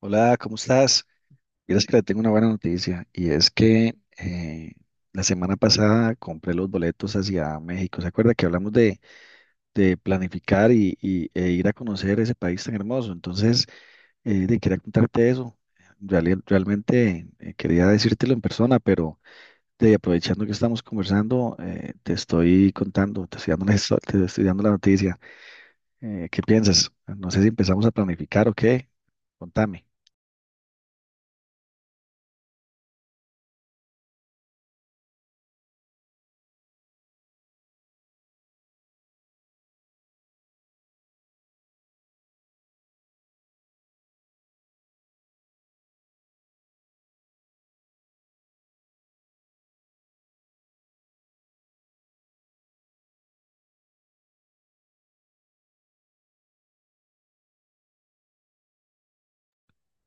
Hola, ¿cómo estás? Quieres que le tengo una buena noticia y es que la semana pasada compré los boletos hacia México. ¿Se acuerda que hablamos de planificar e ir a conocer ese país tan hermoso? Entonces, quería contarte eso. Realmente quería decírtelo en persona, pero aprovechando que estamos conversando, te estoy contando, te estoy dando te estoy dando la noticia. ¿Qué piensas? No sé si empezamos a planificar o qué. Contame.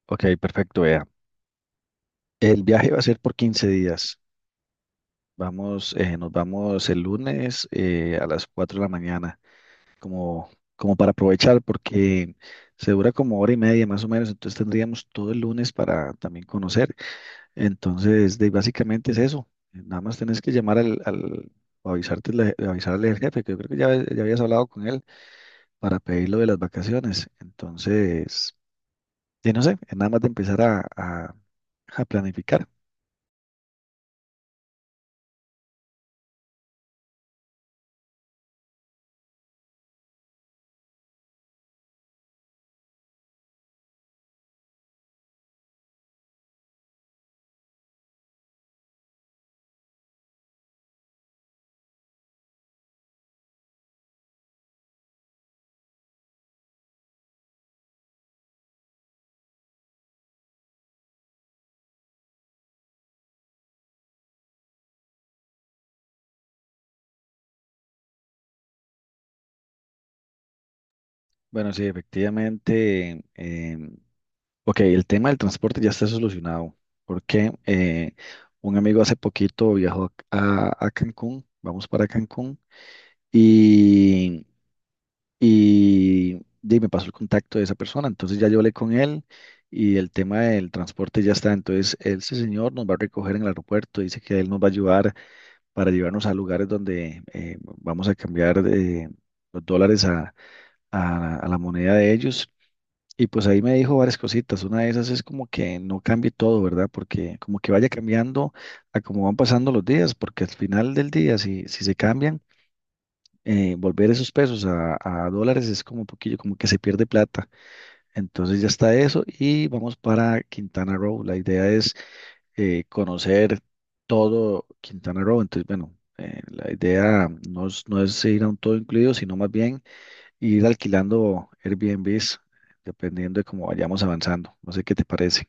Ok, perfecto, vea. El viaje va a ser por 15 días. Vamos, nos vamos el lunes a las 4 de la mañana, como, como para aprovechar, porque se dura como hora y media más o menos, entonces tendríamos todo el lunes para también conocer. Entonces, básicamente es eso. Nada más tenés que llamar al o avisarte, avisarle al jefe, que yo creo que ya habías hablado con él para pedir lo de las vacaciones. Entonces, y no sé, es nada más de empezar a a planificar. Bueno, sí, efectivamente. Ok, el tema del transporte ya está solucionado porque un amigo hace poquito viajó a Cancún, vamos para Cancún y, y me pasó el contacto de esa persona, entonces ya yo hablé con él y el tema del transporte ya está, entonces él, ese señor nos va a recoger en el aeropuerto, dice que él nos va a ayudar para llevarnos a lugares donde vamos a cambiar los dólares a la moneda de ellos y pues ahí me dijo varias cositas. Una de esas es como que no cambie todo, ¿verdad? Porque como que vaya cambiando a cómo van pasando los días, porque al final del día, si se cambian, volver esos pesos a dólares es como un poquillo, como que se pierde plata. Entonces ya está eso y vamos para Quintana Roo. La idea es conocer todo Quintana Roo. Entonces, bueno, la idea no es, no es ir a un todo incluido, sino más bien y ir alquilando Airbnbs dependiendo de cómo vayamos avanzando. No sé qué te parece.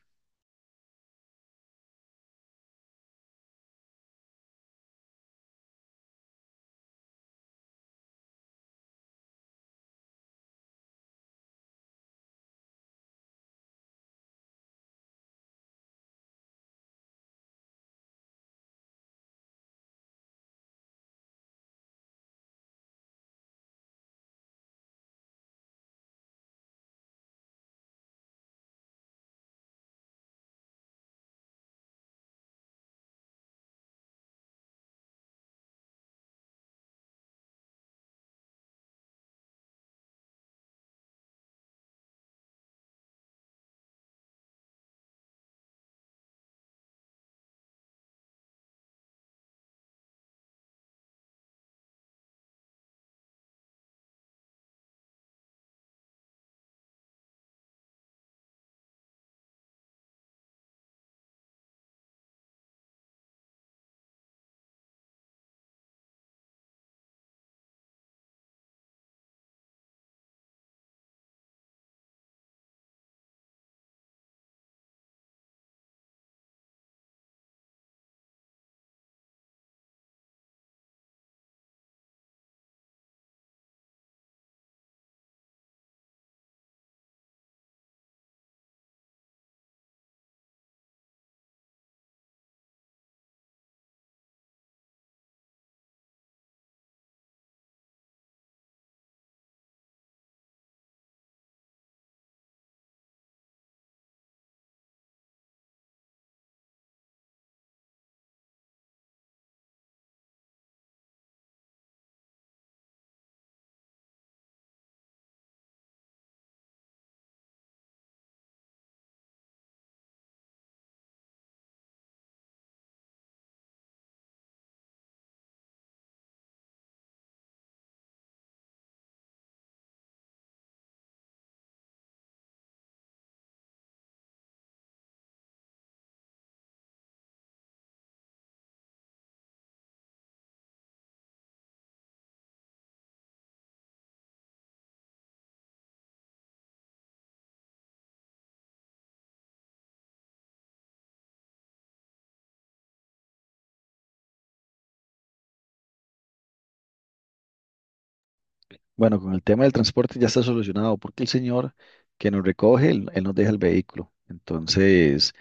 Bueno, con el tema del transporte ya está solucionado porque el señor que nos recoge, él nos deja el vehículo. Entonces,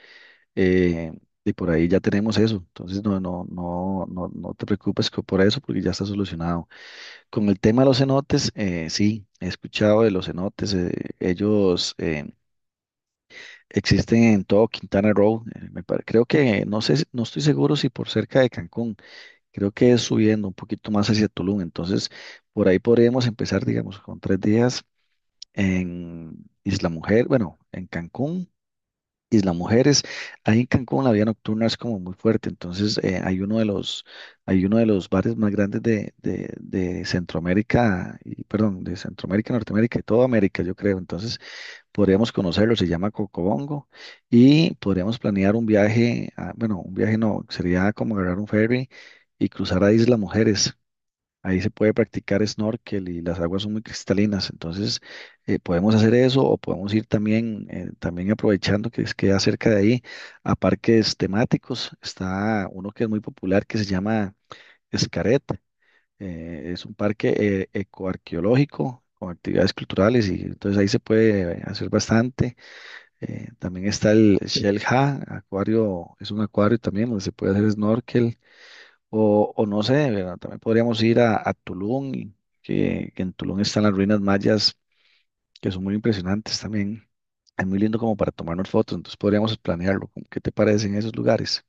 eh, y por ahí ya tenemos eso. Entonces, no, no, no, no, no te preocupes por eso porque ya está solucionado. Con el tema de los cenotes, sí, he escuchado de los cenotes. Ellos existen en todo Quintana Roo. Creo que, no sé, no estoy seguro si por cerca de Cancún. Creo que es subiendo un poquito más hacia Tulum. Entonces, por ahí podríamos empezar, digamos, con 3 días en Isla Mujer, bueno, en Cancún, Isla Mujeres. Ahí en Cancún la vida nocturna es como muy fuerte. Entonces, hay uno de los bares más grandes de Centroamérica, y, perdón, de Centroamérica, Norteamérica y toda América, yo creo. Entonces, podríamos conocerlo, se llama Cocobongo, y podríamos planear un viaje, bueno, un viaje no, sería como agarrar un ferry y cruzar a Isla Mujeres. Ahí se puede practicar snorkel y las aguas son muy cristalinas, entonces podemos hacer eso o podemos ir también, también aprovechando que queda cerca de ahí a parques temáticos. Está uno que es muy popular que se llama Escaret, es un parque ecoarqueológico con actividades culturales y entonces ahí se puede hacer bastante. También está el Shell Ha acuario, es un acuario también donde se puede hacer snorkel. O no sé, ¿verdad? También podríamos ir a Tulum, y que en Tulum están las ruinas mayas, que son muy impresionantes también. Es muy lindo como para tomarnos fotos, entonces podríamos planearlo. ¿Qué te parece en esos lugares?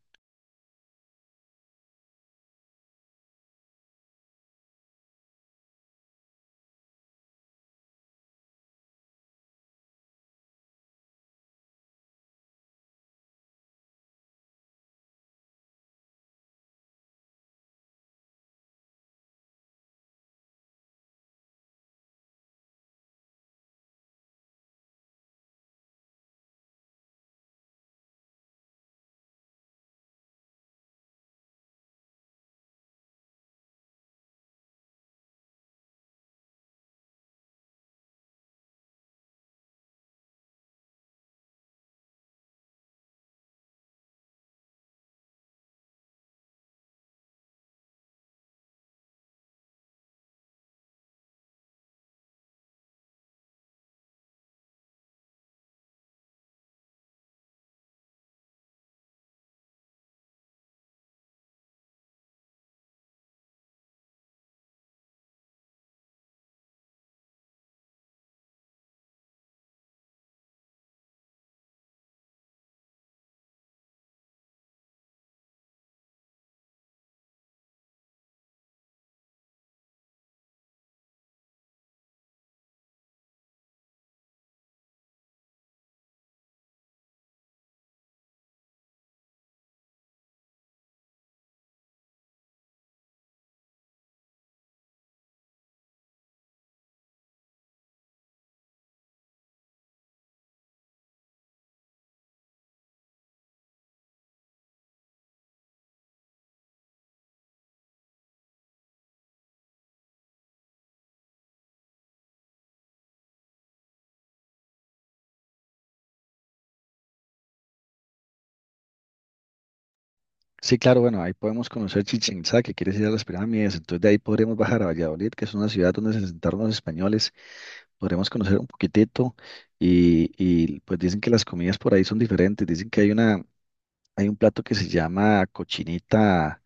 Sí, claro, bueno, ahí podemos conocer Chichén Itzá, que quieres ir a las pirámides, entonces de ahí podríamos bajar a Valladolid, que es una ciudad donde se asentaron los españoles. Podremos conocer un poquitito pues dicen que las comidas por ahí son diferentes, dicen que hay hay un plato que se llama cochinita,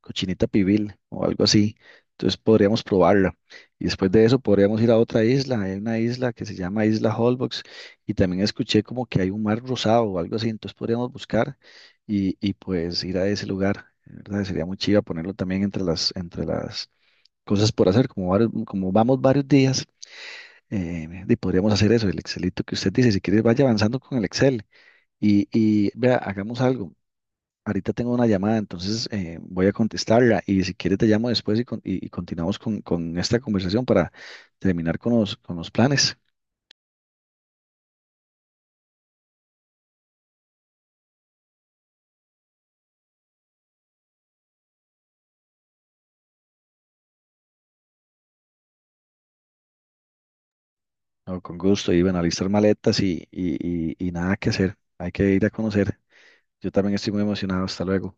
cochinita pibil o algo así, entonces podríamos probarla y después de eso podríamos ir a otra isla, hay una isla que se llama Isla Holbox y también escuché como que hay un mar rosado o algo así, entonces podríamos buscar y pues ir a ese lugar, ¿verdad? Sería muy chiva ponerlo también entre las cosas por hacer, como vamos varios días. Y podríamos hacer eso, el Excelito que usted dice. Si quiere, vaya avanzando con el Excel. Y vea, hagamos algo. Ahorita tengo una llamada, entonces voy a contestarla. Y si quiere, te llamo después y continuamos con esta conversación para terminar con con los planes. No, con gusto. Y bueno, alistar maletas y nada que hacer. Hay que ir a conocer. Yo también estoy muy emocionado. Hasta luego.